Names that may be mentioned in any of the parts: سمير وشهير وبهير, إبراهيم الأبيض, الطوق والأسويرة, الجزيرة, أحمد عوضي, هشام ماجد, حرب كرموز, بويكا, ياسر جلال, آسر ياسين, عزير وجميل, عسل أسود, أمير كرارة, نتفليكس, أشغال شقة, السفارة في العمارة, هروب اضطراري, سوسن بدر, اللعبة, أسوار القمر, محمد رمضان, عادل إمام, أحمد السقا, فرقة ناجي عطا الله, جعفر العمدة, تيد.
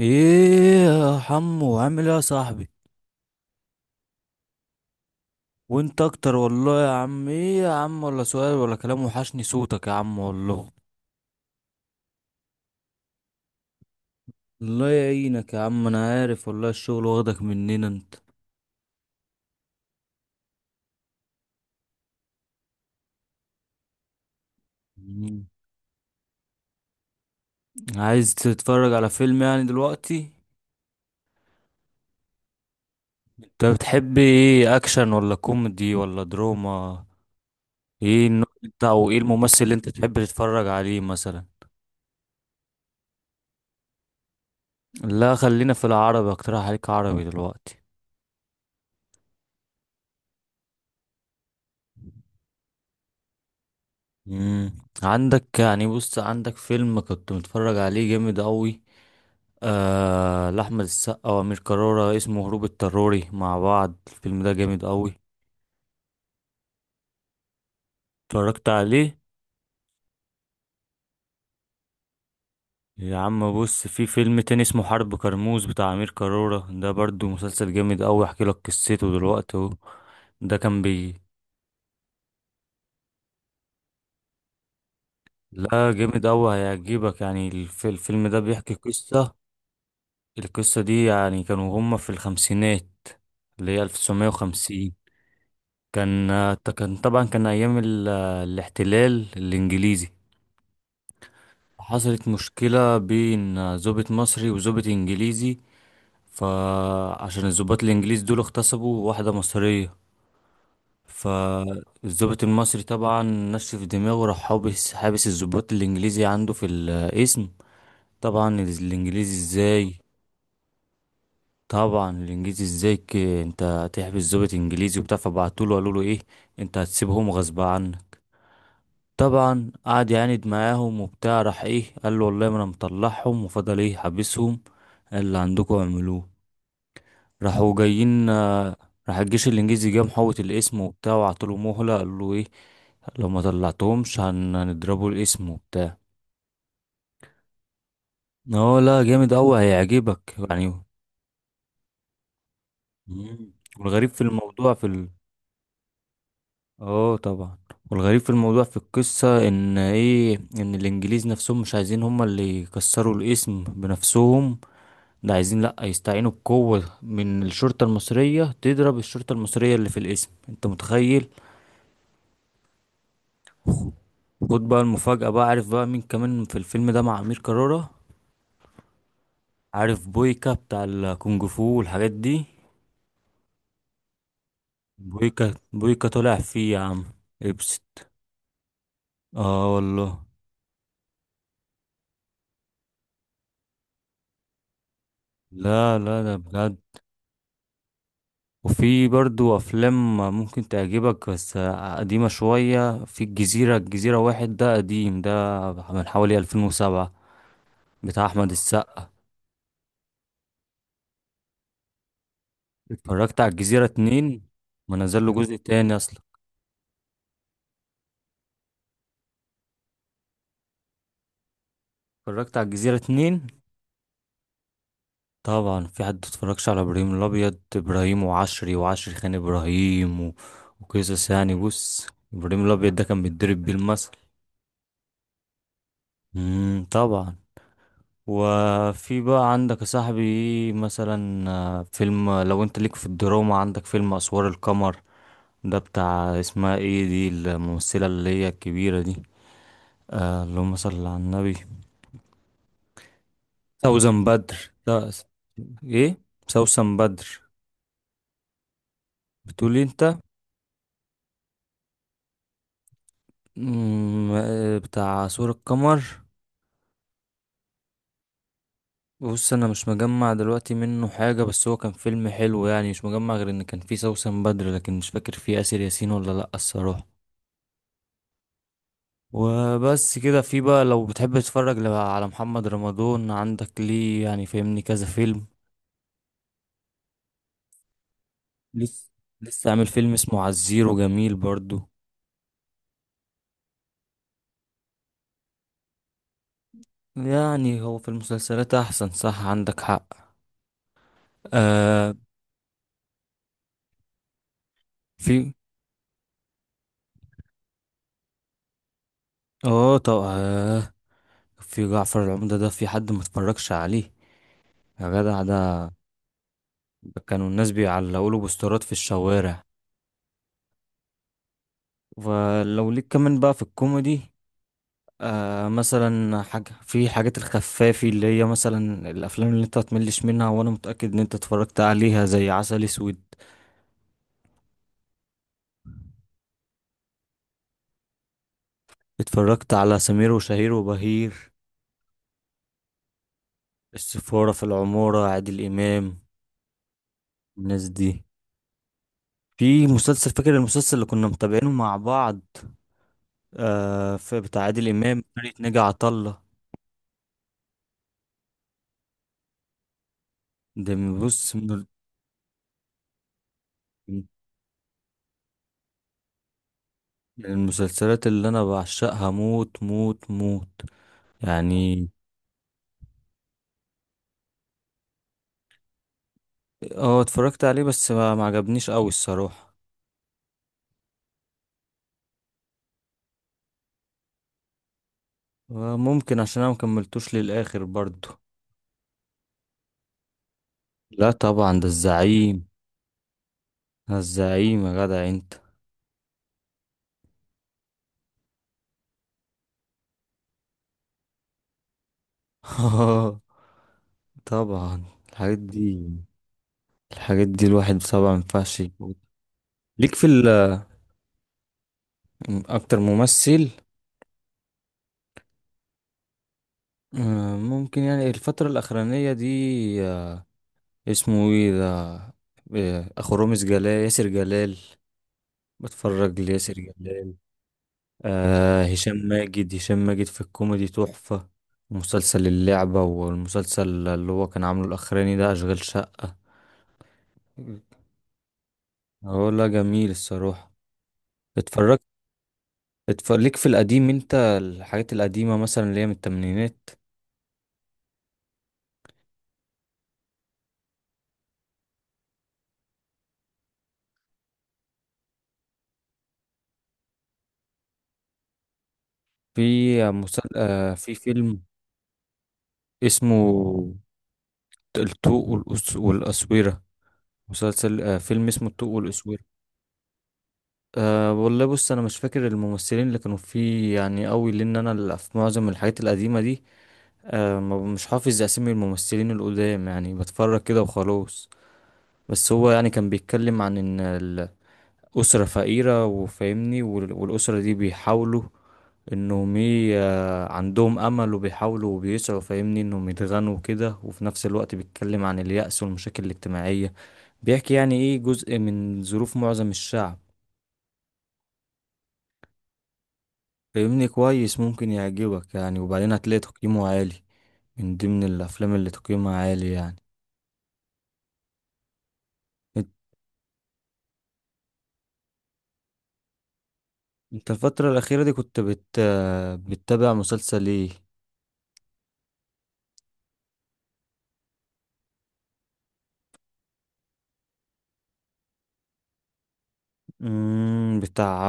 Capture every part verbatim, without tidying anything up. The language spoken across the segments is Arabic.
ايه يا حمو، عامل ايه يا صاحبي؟ وانت اكتر والله يا عم. ايه يا عم، ولا سؤال ولا كلام، وحشني صوتك يا عم والله. الله يعينك يا عم، انا عارف والله الشغل واخدك مننا انت. مم. عايز تتفرج على فيلم يعني دلوقتي؟ انت بتحب ايه، اكشن ولا كوميدي ولا دراما؟ ايه النوع بتاع، وايه الممثل اللي انت تحب تتفرج عليه مثلا؟ لا خلينا في العربي، اقترح عليك عربي دلوقتي. مم. عندك يعني، بص، عندك فيلم كنت متفرج عليه جامد قوي. آه، لأحمد السقا وأمير كرارة، اسمه هروب اضطراري. مع بعض الفيلم ده جامد قوي. اتفرجت عليه؟ يا عم بص، في فيلم تاني اسمه حرب كرموز بتاع أمير كرارة، ده برضو مسلسل جامد قوي. احكي لك قصته دلوقتي اهو. ده كان بي لا، جامد قوي هيعجبك يعني. الف- الفيلم ده بيحكي قصة. القصة دي يعني كانوا هما في الخمسينات، اللي هي ألف وتسعمية وخمسين. كان كان طبعا، كان أيام ال- الاحتلال الإنجليزي. حصلت مشكلة بين ضابط مصري وضابط إنجليزي. فعشان الضباط الإنجليز دول اغتصبوا واحدة مصرية. فالضابط المصري طبعا نشف دماغه، راح حابس حابس الضباط الإنجليزي عنده في القسم. طبعا الإنجليزي إزاي طبعا الإنجليزي إزاي، ك- أنت هتحبس ضابط إنجليزي وبتاع؟ فبعتوله قالوله إيه، أنت هتسيبهم غصب عنك. طبعا قعد يعاند معاهم وبتاع، راح ايه قال له والله ما انا مطلعهم، وفضل ايه حابسهم، اللي عندكم اعملوه. راحوا جايين آه، راح الجيش الانجليزي جه محوط الاسم وبتاع، وعطوله مهلة قال له ايه، لو ما طلعتهمش هن- هنضربوا الاسم وبتاع. اه لا، جامد اوي هيعجبك يعني. مم. والغريب في الموضوع في ال... اه طبعا. والغريب في الموضوع في القصة ان ايه، ان الانجليز نفسهم مش عايزين هما اللي يكسروا الاسم بنفسهم. ده عايزين لأ يستعينوا بقوة من الشرطة المصرية تضرب الشرطة المصرية اللي في الاسم. انت متخيل؟ خد بقى المفاجأة، بقى عارف بقى مين كمان في الفيلم ده مع أمير كرارة؟ عارف بويكا بتاع الكونج فو والحاجات دي؟ بويكا بويكا طلع فيه يا عم. ابست. اه والله. لا لا، ده بجد. وفي برضو أفلام ممكن تعجبك، بس قديمة شوية. في الجزيرة، الجزيرة واحد ده قديم، ده من حوالي ألفين وسبعة، بتاع أحمد السقا. اتفرجت على الجزيرة اتنين؟ ما نزل له مم. جزء تاني اصلا. اتفرجت على الجزيرة اتنين؟ طبعا، في حد اتفرجش على ابراهيم الابيض؟ ابراهيم وعشري، وعشري خان ابراهيم و... وقصص يعني، بص، ابراهيم الابيض ده كان بيتضرب بيه المثل. امم طبعا. وفي بقى عندك يا صاحبي مثلا آه، فيلم لو انت ليك في الدراما، عندك فيلم اسوار القمر، ده بتاع اسمها ايه دي الممثلة اللي هي الكبيرة دي، آه اللهم صل على النبي، سوزن بدر. ايه، سوسن بدر بتقولي انت؟ مم، آه، بتاع سور القمر، بص انا مش مجمع دلوقتي منه حاجة، بس هو كان فيلم حلو يعني. مش مجمع غير ان كان فيه سوسن بدر، لكن مش فاكر فيه آسر ياسين ولا لأ الصراحة. وبس كده. في بقى لو بتحب تتفرج ل- على محمد رمضان، عندك ليه يعني فاهمني كذا فيلم. لسه لسه عامل فيلم اسمه عزير وجميل برضو. يعني هو في المسلسلات احسن، صح، عندك حق. آه. في اه طبعا، في جعفر العمدة، ده في حد متفرجش عليه يا جدع ده؟ كانوا الناس بيعلقوا له بوسترات في الشوارع. ولو ليك كمان بقى في الكوميدي، آه مثلا حاجة في حاجات الخفافي، اللي هي مثلا الأفلام اللي انت متملش منها وأنا متأكد إن انت اتفرجت عليها، زي عسل أسود. اتفرجت على سمير وشهير وبهير؟ السفارة في العمارة، عادل إمام. الناس دي. في مسلسل، فاكر المسلسل اللي كنا متابعينه مع بعض؟ آه، في بتاع عادل إمام فرقة ناجي عطا الله. ده من- بص، من من المسلسلات اللي انا بعشقها موت موت موت يعني. اه اتفرجت عليه بس ما ما عجبنيش قوي الصراحة. آه، ممكن عشان انا مكملتوش للاخر برضو. لا طبعا ده الزعيم. ده الزعيم يا جدع انت. طبعا الحاجات دي، الحاجات دي الواحد طبعا ما ينفعش يفوت. ليك في ال- اكتر ممثل، آه، ممكن يعني الفترة الاخرانية دي آه، اسمه ايه ده، إيه، اخو رامز جلال، ياسر جلال. بتفرج لياسر جلال. آه، هشام ماجد هشام ماجد في الكوميدي تحفة. مسلسل اللعبة، والمسلسل اللي هو كان عامله الأخراني ده أشغال شقة. اه لا جميل الصراحة. اتفرجت. اتفرج ليك في القديم انت، الحاجات القديمة مثلا اللي هي من التمانينات. في مسل... آه في فيلم اسمه الطوق والأس... والأسويرة. مسلسل آه فيلم اسمه الطوق والأسويرة. أه والله بص انا مش فاكر الممثلين اللي كانوا فيه يعني قوي، لان انا ال- في معظم الحاجات القديمه دي أه ما- مش حافظ اسامي الممثلين القدام، يعني بتفرج كده وخلاص. بس هو يعني كان بيتكلم عن ان الاسره فقيره وفاهمني، وال- والاسره دي بيحاولوا انهم ي- آه، عندهم امل وبيحاولوا وبيسعوا فاهمني انهم يتغنوا كده، وفي نفس الوقت بيتكلم عن اليأس والمشاكل الاجتماعيه. بيحكي يعني ايه جزء من ظروف معظم الشعب. فاهمني؟ كويس، ممكن يعجبك يعني، وبعدين هتلاقي تقييمه عالي، من ضمن الافلام اللي تقييمها عالي يعني. انت إنت الفترة الأخيرة دي كنت بت... بتتابع مسلسل ايه؟ مم... بتاع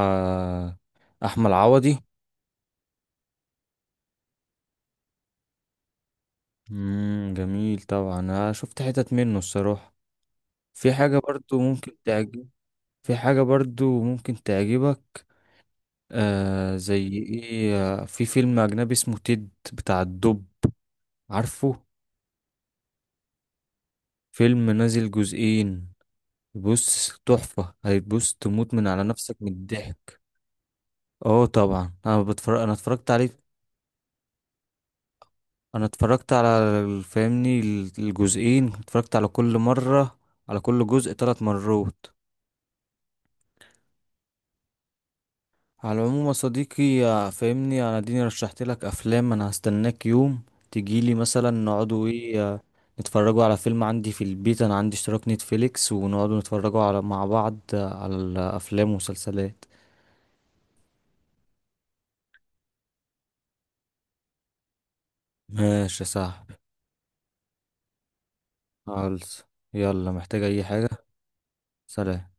احمد عوضي. مم... جميل طبعا، انا شفت حتت منه الصراحة. في حاجة برضو ممكن تعجب. في حاجة برضو ممكن تعجبك. آه زي ايه؟ آه، في فيلم أجنبي اسمه تيد، بتاع الدب، عارفه؟ فيلم نازل جزئين. بص تحفة، هتبص تموت من على نفسك من الضحك. اه طبعا انا بتفرج، انا اتفرجت عليه. انا اتفرجت على ال- فاهمني ال- الجزئين اتفرجت على كل مرة، على كل جزء ثلاث مرات. على العموم يا صديقي يا فاهمني، انا اديني رشحت لك افلام، انا هستناك يوم تجيلي مثلا نقعدوا ايه آه، نتفرجوا على فيلم عندي في البيت. انا عندي اشتراك نتفليكس، ونقعدوا نتفرجوا على مع بعض آه، على الافلام والمسلسلات. ماشي يا صاحبي. خالص، يلا، محتاج اي حاجة؟ سلام.